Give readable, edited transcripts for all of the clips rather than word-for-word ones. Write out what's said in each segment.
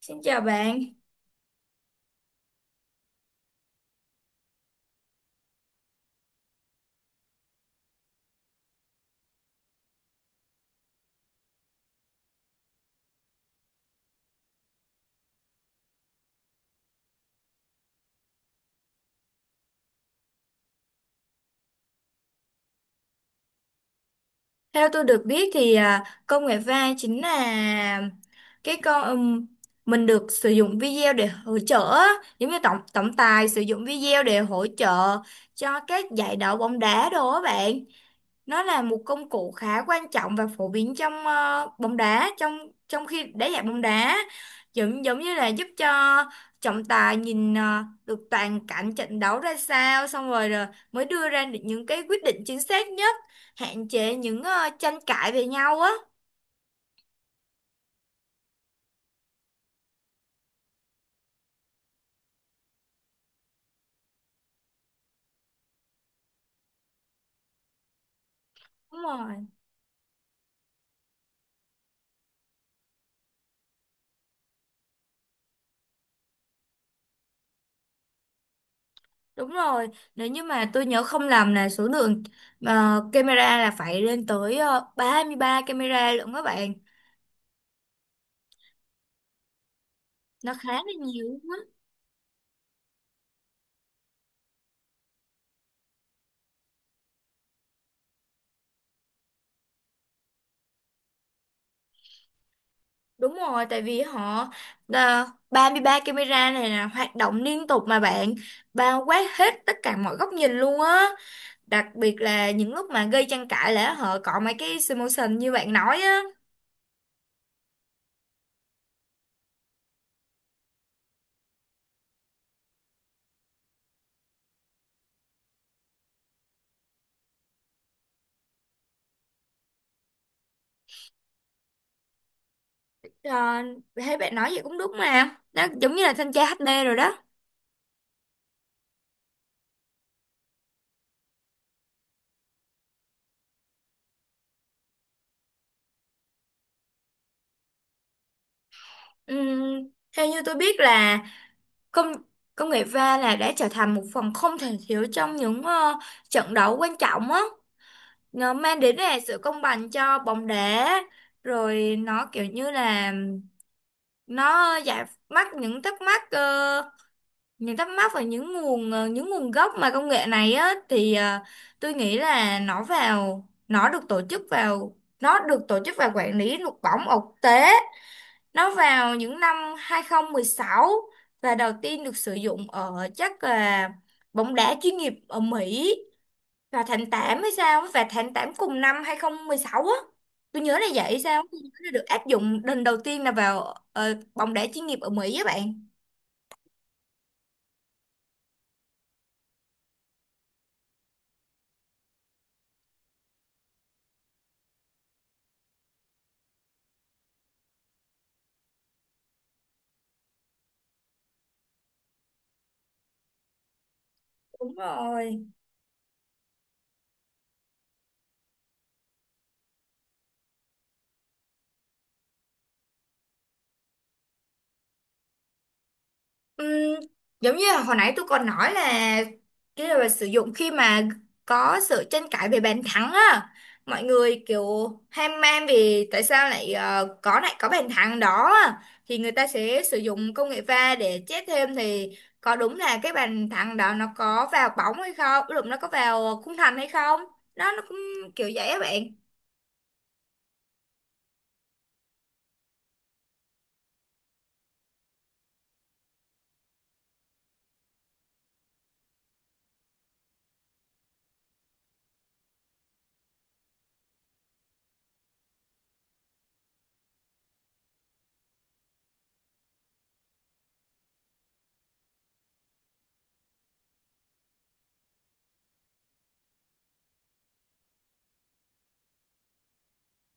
Xin chào bạn. Theo tôi được biết thì công nghệ va chính là cái con mình được sử dụng video để hỗ trợ á. Giống như tổng tổng tài sử dụng video để hỗ trợ cho các giải đấu bóng đá đồ á bạn. Nó là một công cụ khá quan trọng và phổ biến trong bóng đá trong trong khi đá dạng bóng đá, giống giống như là giúp cho trọng tài nhìn được toàn cảnh trận đấu ra sao, xong rồi, rồi mới đưa ra được những cái quyết định chính xác nhất, hạn chế những tranh cãi về nhau á. Đúng rồi. Đúng rồi, nếu như mà tôi nhớ không lầm là số lượng camera là phải lên tới 33 camera luôn các bạn. Nó khá là nhiều. Đúng rồi, tại vì họ, à, 33 camera này là hoạt động liên tục mà bạn, bao quát hết tất cả mọi góc nhìn luôn á. Đặc biệt là những lúc mà gây tranh cãi là họ cọ mấy cái simulation như bạn nói á. À, thấy bạn nói vậy cũng đúng mà. Nó giống như là thanh tra HD rồi đó. Ừm, Theo như tôi biết là công công nghệ va là đã trở thành một phần không thể thiếu trong những trận đấu quan trọng á. Nó mang đến là sự công bằng cho bóng đá, rồi nó kiểu như là nó giải mắc những thắc mắc, những thắc mắc và những nguồn, những nguồn gốc mà công nghệ này á thì tôi nghĩ là nó được tổ chức và quản lý luật bóng ở quốc tế, nó vào những năm 2016, và đầu tiên được sử dụng ở chắc là bóng đá chuyên nghiệp ở Mỹ và tháng 8 hay sao á, và tháng 8 cùng năm 2016 á, tôi nhớ là vậy sao á, tôi nhớ là được áp dụng lần đầu tiên là vào bóng đá chuyên nghiệp ở Mỹ á bạn. Đúng rồi. Ừm, Giống như là hồi nãy tôi còn nói là cái là sử dụng khi mà có sự tranh cãi về bàn thắng á, mọi người kiểu ham man vì tại sao lại có lại có bàn thắng đó á. Thì người ta sẽ sử dụng công nghệ va để chết thêm thì có đúng là cái bàn thắng đó nó có vào bóng hay không, lúc nó có vào khung thành hay không, đó nó cũng kiểu vậy á bạn.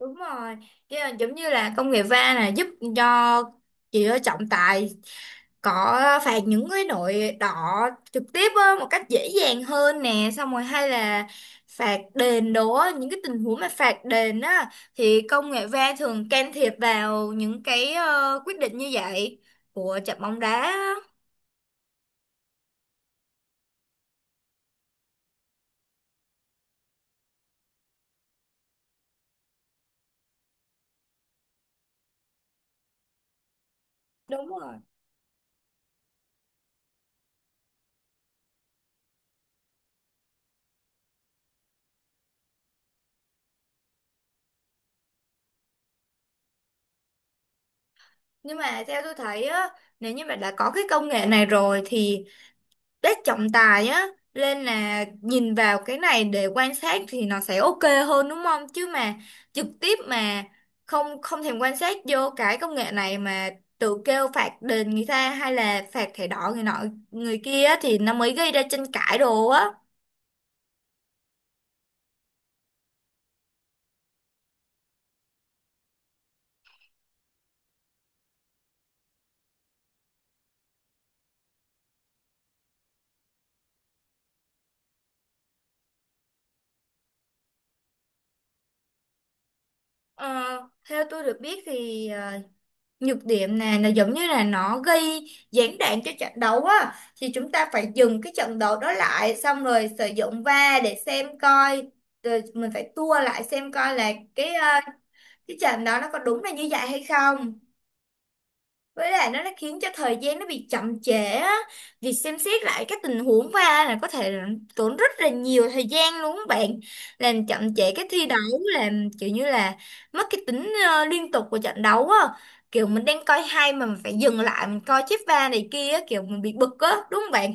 Đúng rồi. Chứ là giống như là công nghệ va là giúp cho chỉ trọng tài có phạt những cái đội đỏ trực tiếp á, một cách dễ dàng hơn nè, xong rồi hay là phạt đền đồ á, những cái tình huống mà phạt đền á thì công nghệ VAR thường can thiệp vào những cái quyết định như vậy của trận bóng đá á. Đúng rồi. Nhưng mà theo tôi thấy á, nếu như mà đã có cái công nghệ này rồi thì đất trọng tài á nên là nhìn vào cái này để quan sát thì nó sẽ ok hơn đúng không, chứ mà trực tiếp mà không không thèm quan sát vô cái công nghệ này mà tự kêu phạt đền người ta hay là phạt thẻ đỏ người nọ người kia á, thì nó mới gây ra tranh cãi đồ á. Ờ, theo tôi được biết thì nhược điểm này là giống như là nó gây gián đoạn cho trận đấu á, thì chúng ta phải dừng cái trận đấu đó lại xong rồi sử dụng VAR để xem coi, rồi mình phải tua lại xem coi là cái cái trận đó nó có đúng là như vậy hay không. Với lại nó khiến cho thời gian nó bị chậm trễ á, việc xem xét lại các tình huống va là có thể là tốn rất là nhiều thời gian luôn các bạn, làm chậm trễ cái thi đấu, làm kiểu như là mất cái tính liên tục của trận đấu á, kiểu mình đang coi hay mà mình phải dừng lại mình coi chip va này kia á, kiểu mình bị bực á đúng không bạn.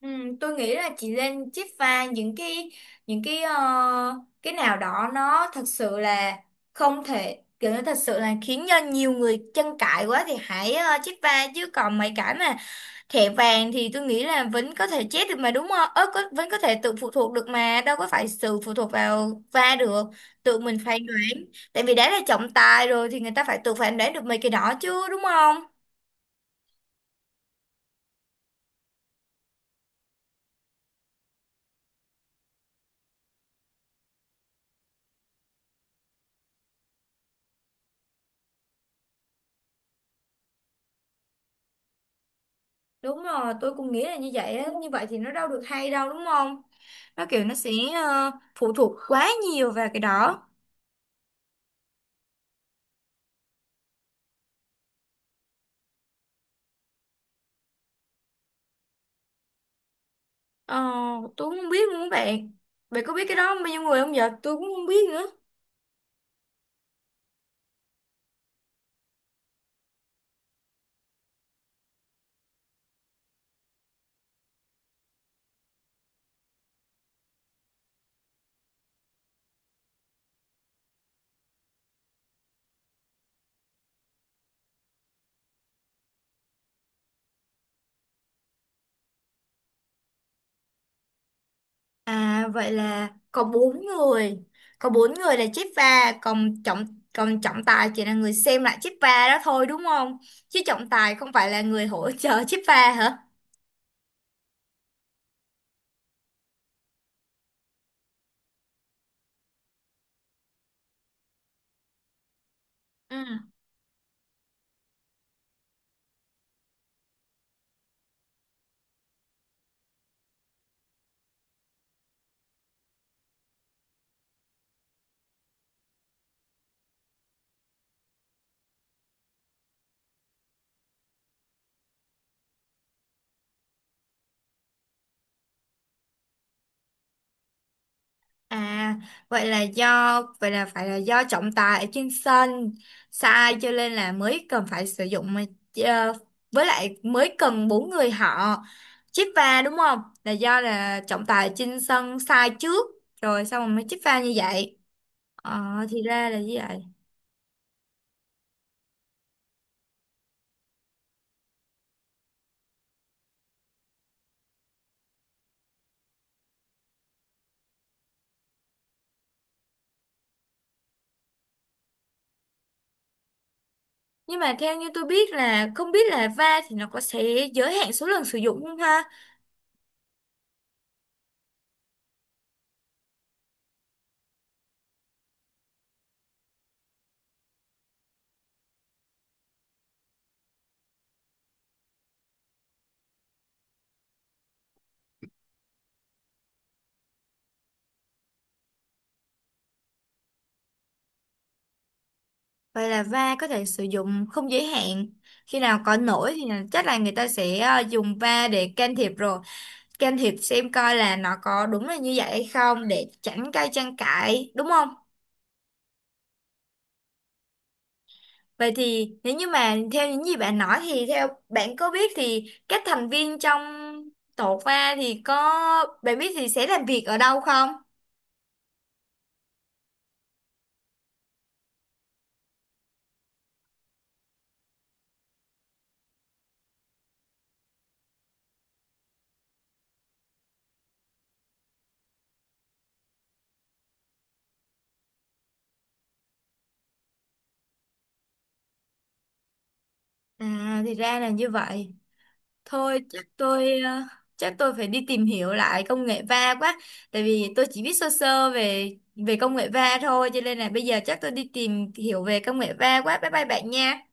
Ừ, tôi nghĩ là chị lên chiết pha những cái, những cái ờ, cái nào đó nó thật sự là không thể, kiểu nó thật sự là khiến cho nhiều người tranh cãi quá thì hãy chiết pha, chứ còn mấy cái mà thẻ vàng thì tôi nghĩ là vẫn có thể chết được mà đúng không? Ớ, có, vẫn có thể tự phụ thuộc được mà, đâu có phải sự phụ thuộc vào va được, tự mình phán đoán. Tại vì đã là trọng tài rồi thì người ta phải tự phán đoán được mấy cái đó chứ đúng không? Đúng rồi, tôi cũng nghĩ là như vậy á, như vậy thì nó đâu được hay đâu đúng không? Nó kiểu nó sẽ phụ thuộc quá nhiều vào cái đó. Ờ, tôi cũng không biết luôn các bạn, bạn có biết cái đó bao nhiêu người không vậy, tôi cũng không biết nữa. À vậy là có bốn người, là chép va, còn trọng tài chỉ là người xem lại chép va đó thôi đúng không, chứ trọng tài không phải là người hỗ trợ chép va hả? Ừ. À, vậy là phải là do trọng tài ở trên sân sai, cho nên là mới cần phải sử dụng mà, ờ, với lại mới cần bốn người họ chích pha đúng không? Là do là trọng tài ở trên sân sai trước rồi, xong rồi mới chích pha như vậy. Ờ, thì ra là như vậy. Nhưng mà theo như tôi biết là, không biết là va thì nó có sẽ giới hạn số lần sử dụng không ha? Vậy là va có thể sử dụng không giới hạn, khi nào có lỗi thì là- chắc là người ta sẽ dùng va để can thiệp rồi, can thiệp xem coi là nó có đúng là như vậy hay không để tránh gây tranh cãi đúng không? Vậy thì nếu như mà theo những gì bạn nói thì theo bạn có biết thì các thành viên trong tổ pha thì có, bạn biết thì sẽ làm việc ở đâu không? À thì ra là như vậy. Thôi chắc tôi chắc tôi phải đi tìm hiểu lại công nghệ va quá, tại vì tôi chỉ biết sơ sơ về về công nghệ va thôi, cho nên là bây giờ chắc tôi đi tìm hiểu về công nghệ va quá. Bye bye bạn nha.